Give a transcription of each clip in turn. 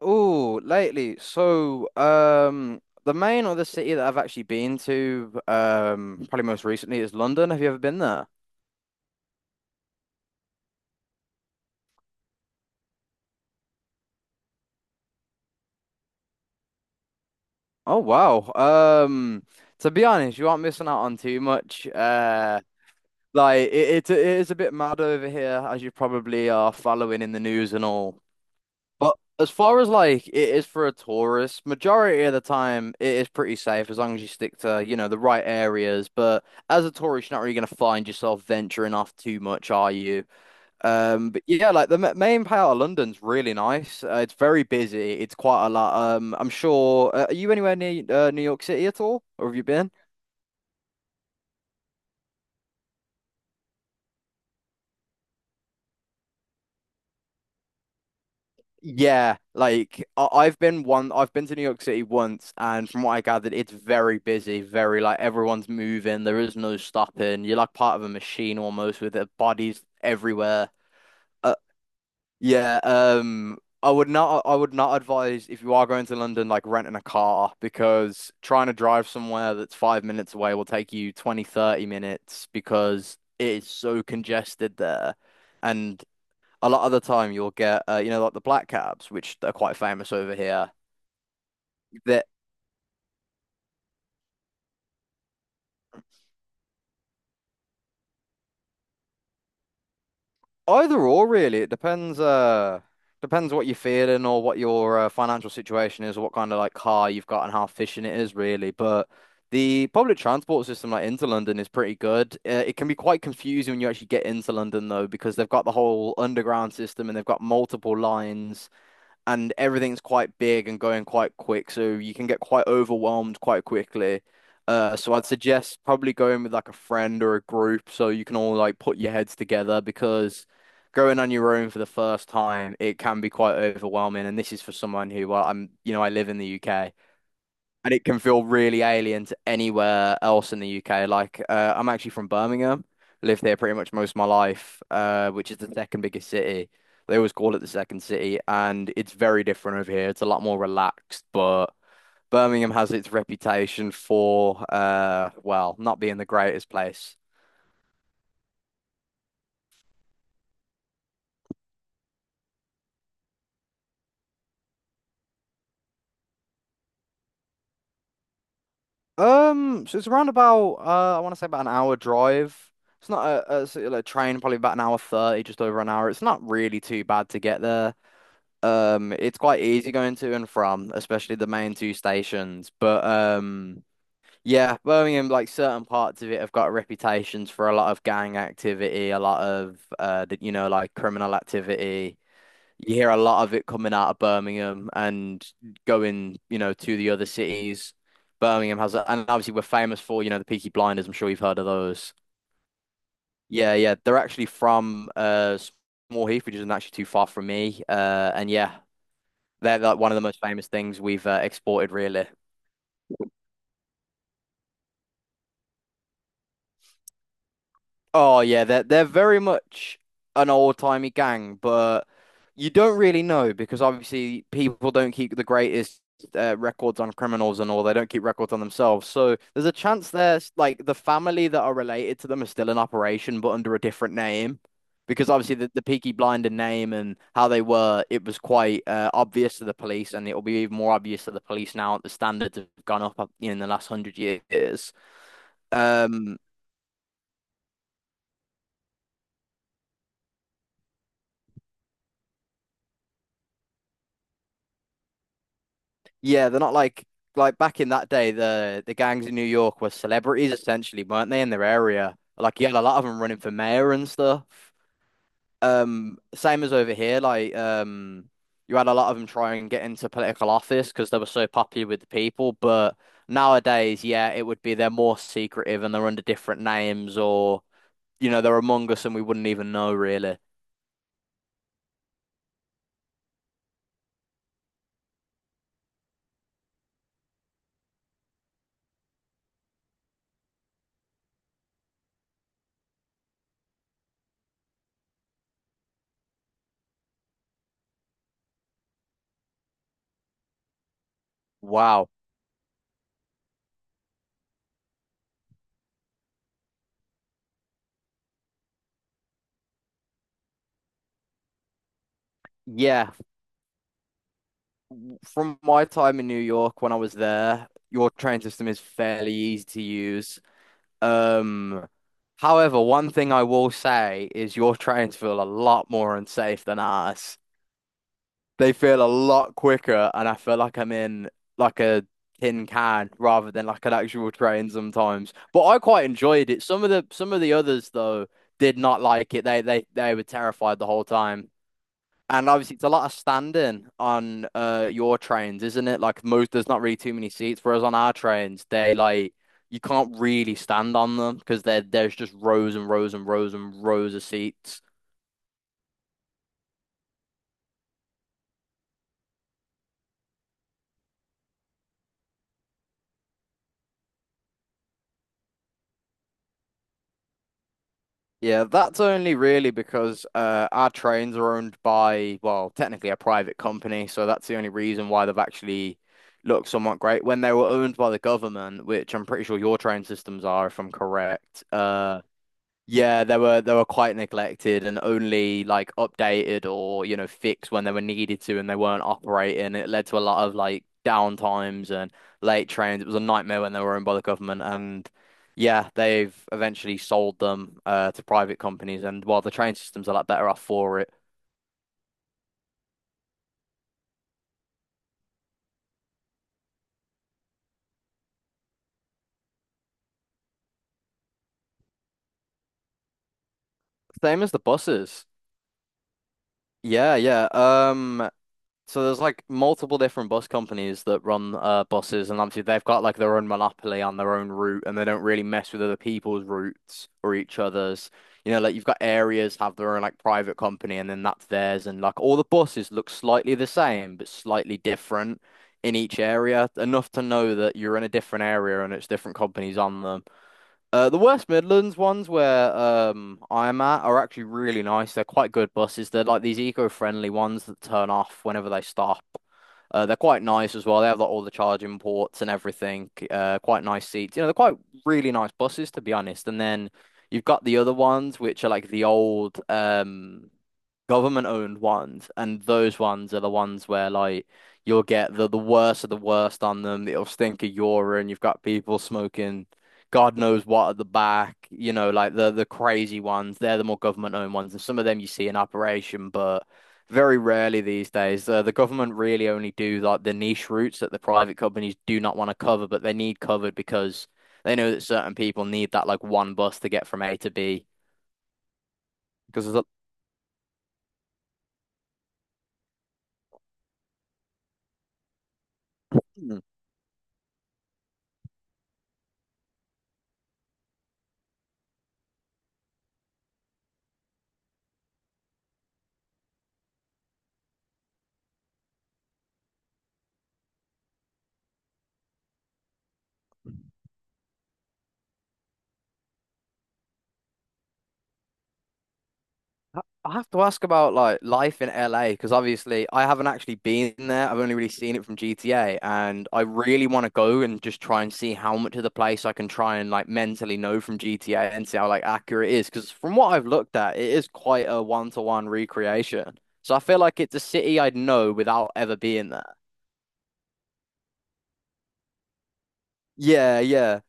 Oh, lately. The main other city that I've actually been to, probably most recently is London. Have you ever been there? Oh, wow. To be honest, you aren't missing out on too much. Like it, it is a bit mad over here, as you probably are following in the news and all. But as far as like it is for a tourist, majority of the time it is pretty safe as long as you stick to, you know, the right areas. But as a tourist, you're not really going to find yourself venturing off too much, are you? But yeah, like the main part of London's really nice. It's very busy. It's quite a lot. I'm sure. Are you anywhere near New York City at all, or have you been? Yeah, like I've been to New York City once, and from what I gathered, it's very busy, very like everyone's moving. There is no stopping. You're like part of a machine almost with bodies everywhere. Uh, I would not advise if you are going to London, like renting a car because trying to drive somewhere that's 5 minutes away will take you 20-30 minutes because it is so congested there. And a lot of the time you'll get you know like the black cabs which are quite famous over here that either or really it depends what you're feeling or what your financial situation is or what kind of like car you've got and how efficient it is really, but the public transport system like into London is pretty good. It can be quite confusing when you actually get into London though, because they've got the whole underground system and they've got multiple lines, and everything's quite big and going quite quick, so you can get quite overwhelmed quite quickly. So I'd suggest probably going with like a friend or a group so you can all like put your heads together, because going on your own for the first time, it can be quite overwhelming. And this is for someone who, well, I'm, you know, I live in the UK and it can feel really alien to anywhere else in the UK. I'm actually from Birmingham, lived here pretty much most of my life, which is the second biggest city. They always call it the second city, and it's very different over here. It's a lot more relaxed, but Birmingham has its reputation for, well, not being the greatest place. So it's around about, I want to say about an hour drive. It's not a, a, sort of like train, probably about an hour 30, just over an hour. It's not really too bad to get there. It's quite easy going to and from, especially the main two stations. But yeah, Birmingham, like certain parts of it have got reputations for a lot of gang activity, a lot of you know, like criminal activity. You hear a lot of it coming out of Birmingham and going, you know, to the other cities. Birmingham, and obviously we're famous for, you know, the Peaky Blinders. I'm sure you've heard of those. Yeah, yeah, they're actually from Small Heath, which isn't actually too far from me. And yeah, they're like one of the most famous things we've exported, really. Oh yeah, they're very much an old-timey gang, but you don't really know because obviously people don't keep the greatest records on criminals and all. They don't keep records on themselves, so there's a chance there's like the family that are related to them are still in operation, but under a different name. Because obviously the Peaky Blinder name and how they were, it was quite obvious to the police, and it will be even more obvious to the police now that the standards have gone up in the last 100 years. Um, yeah, they're not like like back in that day, the gangs in New York were celebrities essentially, weren't they, in their area? Like you had a lot of them running for mayor and stuff. Same as over here, you had a lot of them try and get into political office because they were so popular with the people. But nowadays, yeah, it would be they're more secretive and they're under different names, or you know, they're among us and we wouldn't even know really. Wow. Yeah. From my time in New York when I was there, your train system is fairly easy to use. Um, however, one thing I will say is your trains feel a lot more unsafe than ours. They feel a lot quicker, and I feel like I'm in like a tin can rather than like an actual train sometimes. But I quite enjoyed it. Some of the others though did not like it. They were terrified the whole time. And obviously, it's a lot of standing on your trains, isn't it? Like most, there's not really too many seats. Whereas on our trains, they like you can't really stand on them because there's just rows and rows and rows and rows of seats. Yeah, that's only really because our trains are owned by, well, technically a private company, so that's the only reason why they've actually looked somewhat great. When they were owned by the government, which I'm pretty sure your train systems are, if I'm correct. Yeah, they were quite neglected and only like updated or you know fixed when they were needed to and they weren't operating. It led to a lot of like downtimes and late trains. It was a nightmare when they were owned by the government, and yeah, they've eventually sold them to private companies and while the train system's are a lot better off for it. Same as the buses. Yeah, yeah. So there's like multiple different bus companies that run buses, and obviously they've got like their own monopoly on their own route, and they don't really mess with other people's routes or each other's. You know, like you've got areas have their own like private company, and then that's theirs, and like all the buses look slightly the same but slightly different in each area, enough to know that you're in a different area and it's different companies on them. The West Midlands ones where I'm at are actually really nice. They're quite good buses. They're like these eco-friendly ones that turn off whenever they stop. They're quite nice as well. They have like all the charging ports and everything. Quite nice seats. You know, they're quite really nice buses to be honest. And then you've got the other ones which are like the old government owned ones, and those ones are the ones where like you'll get the worst of the worst on them. It'll stink of urine. You've got people smoking God knows what at the back. You know, like the crazy ones. They're the more government owned ones, and some of them you see in operation, but very rarely these days. The government really only do like the niche routes that the private companies do not want to cover, but they need covered because. They know that certain people need that like one bus to get from A to B because there's a I I have to ask about like life in LA because obviously I haven't actually been there. I've only really seen it from GTA, and I really want to go and just try and see how much of the place I can try and like mentally know from GTA and see how like accurate it is. Because from what I've looked at, it is quite a one-to-one recreation. So I feel like it's a city I'd know without ever being there. Yeah, yeah.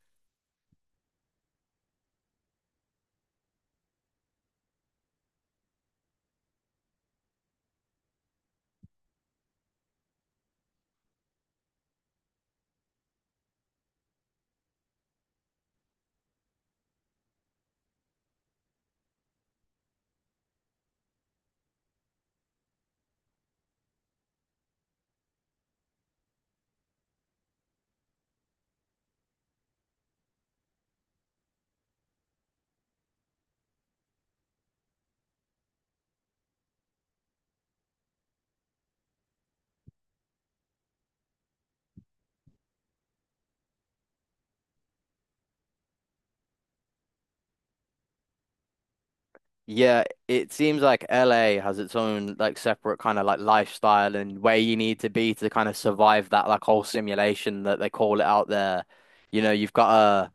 Yeah, it seems like LA has its own like separate kind of like lifestyle and where you need to be to kind of survive that like whole simulation that they call it out there. You know, you've got a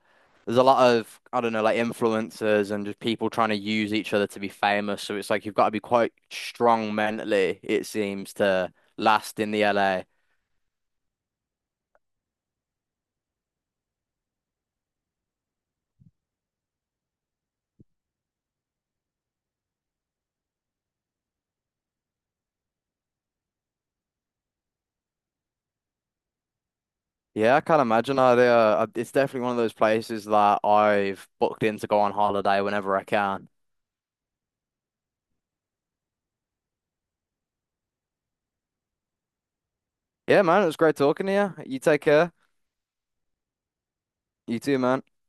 there's a lot of I don't know like influencers and just people trying to use each other to be famous. So it's like you've got to be quite strong mentally, it seems, to last in the LA. Yeah, I can't imagine. It's definitely one of those places that I've booked in to go on holiday whenever I can. Yeah, man, it was great talking to you. You take care. You too, man.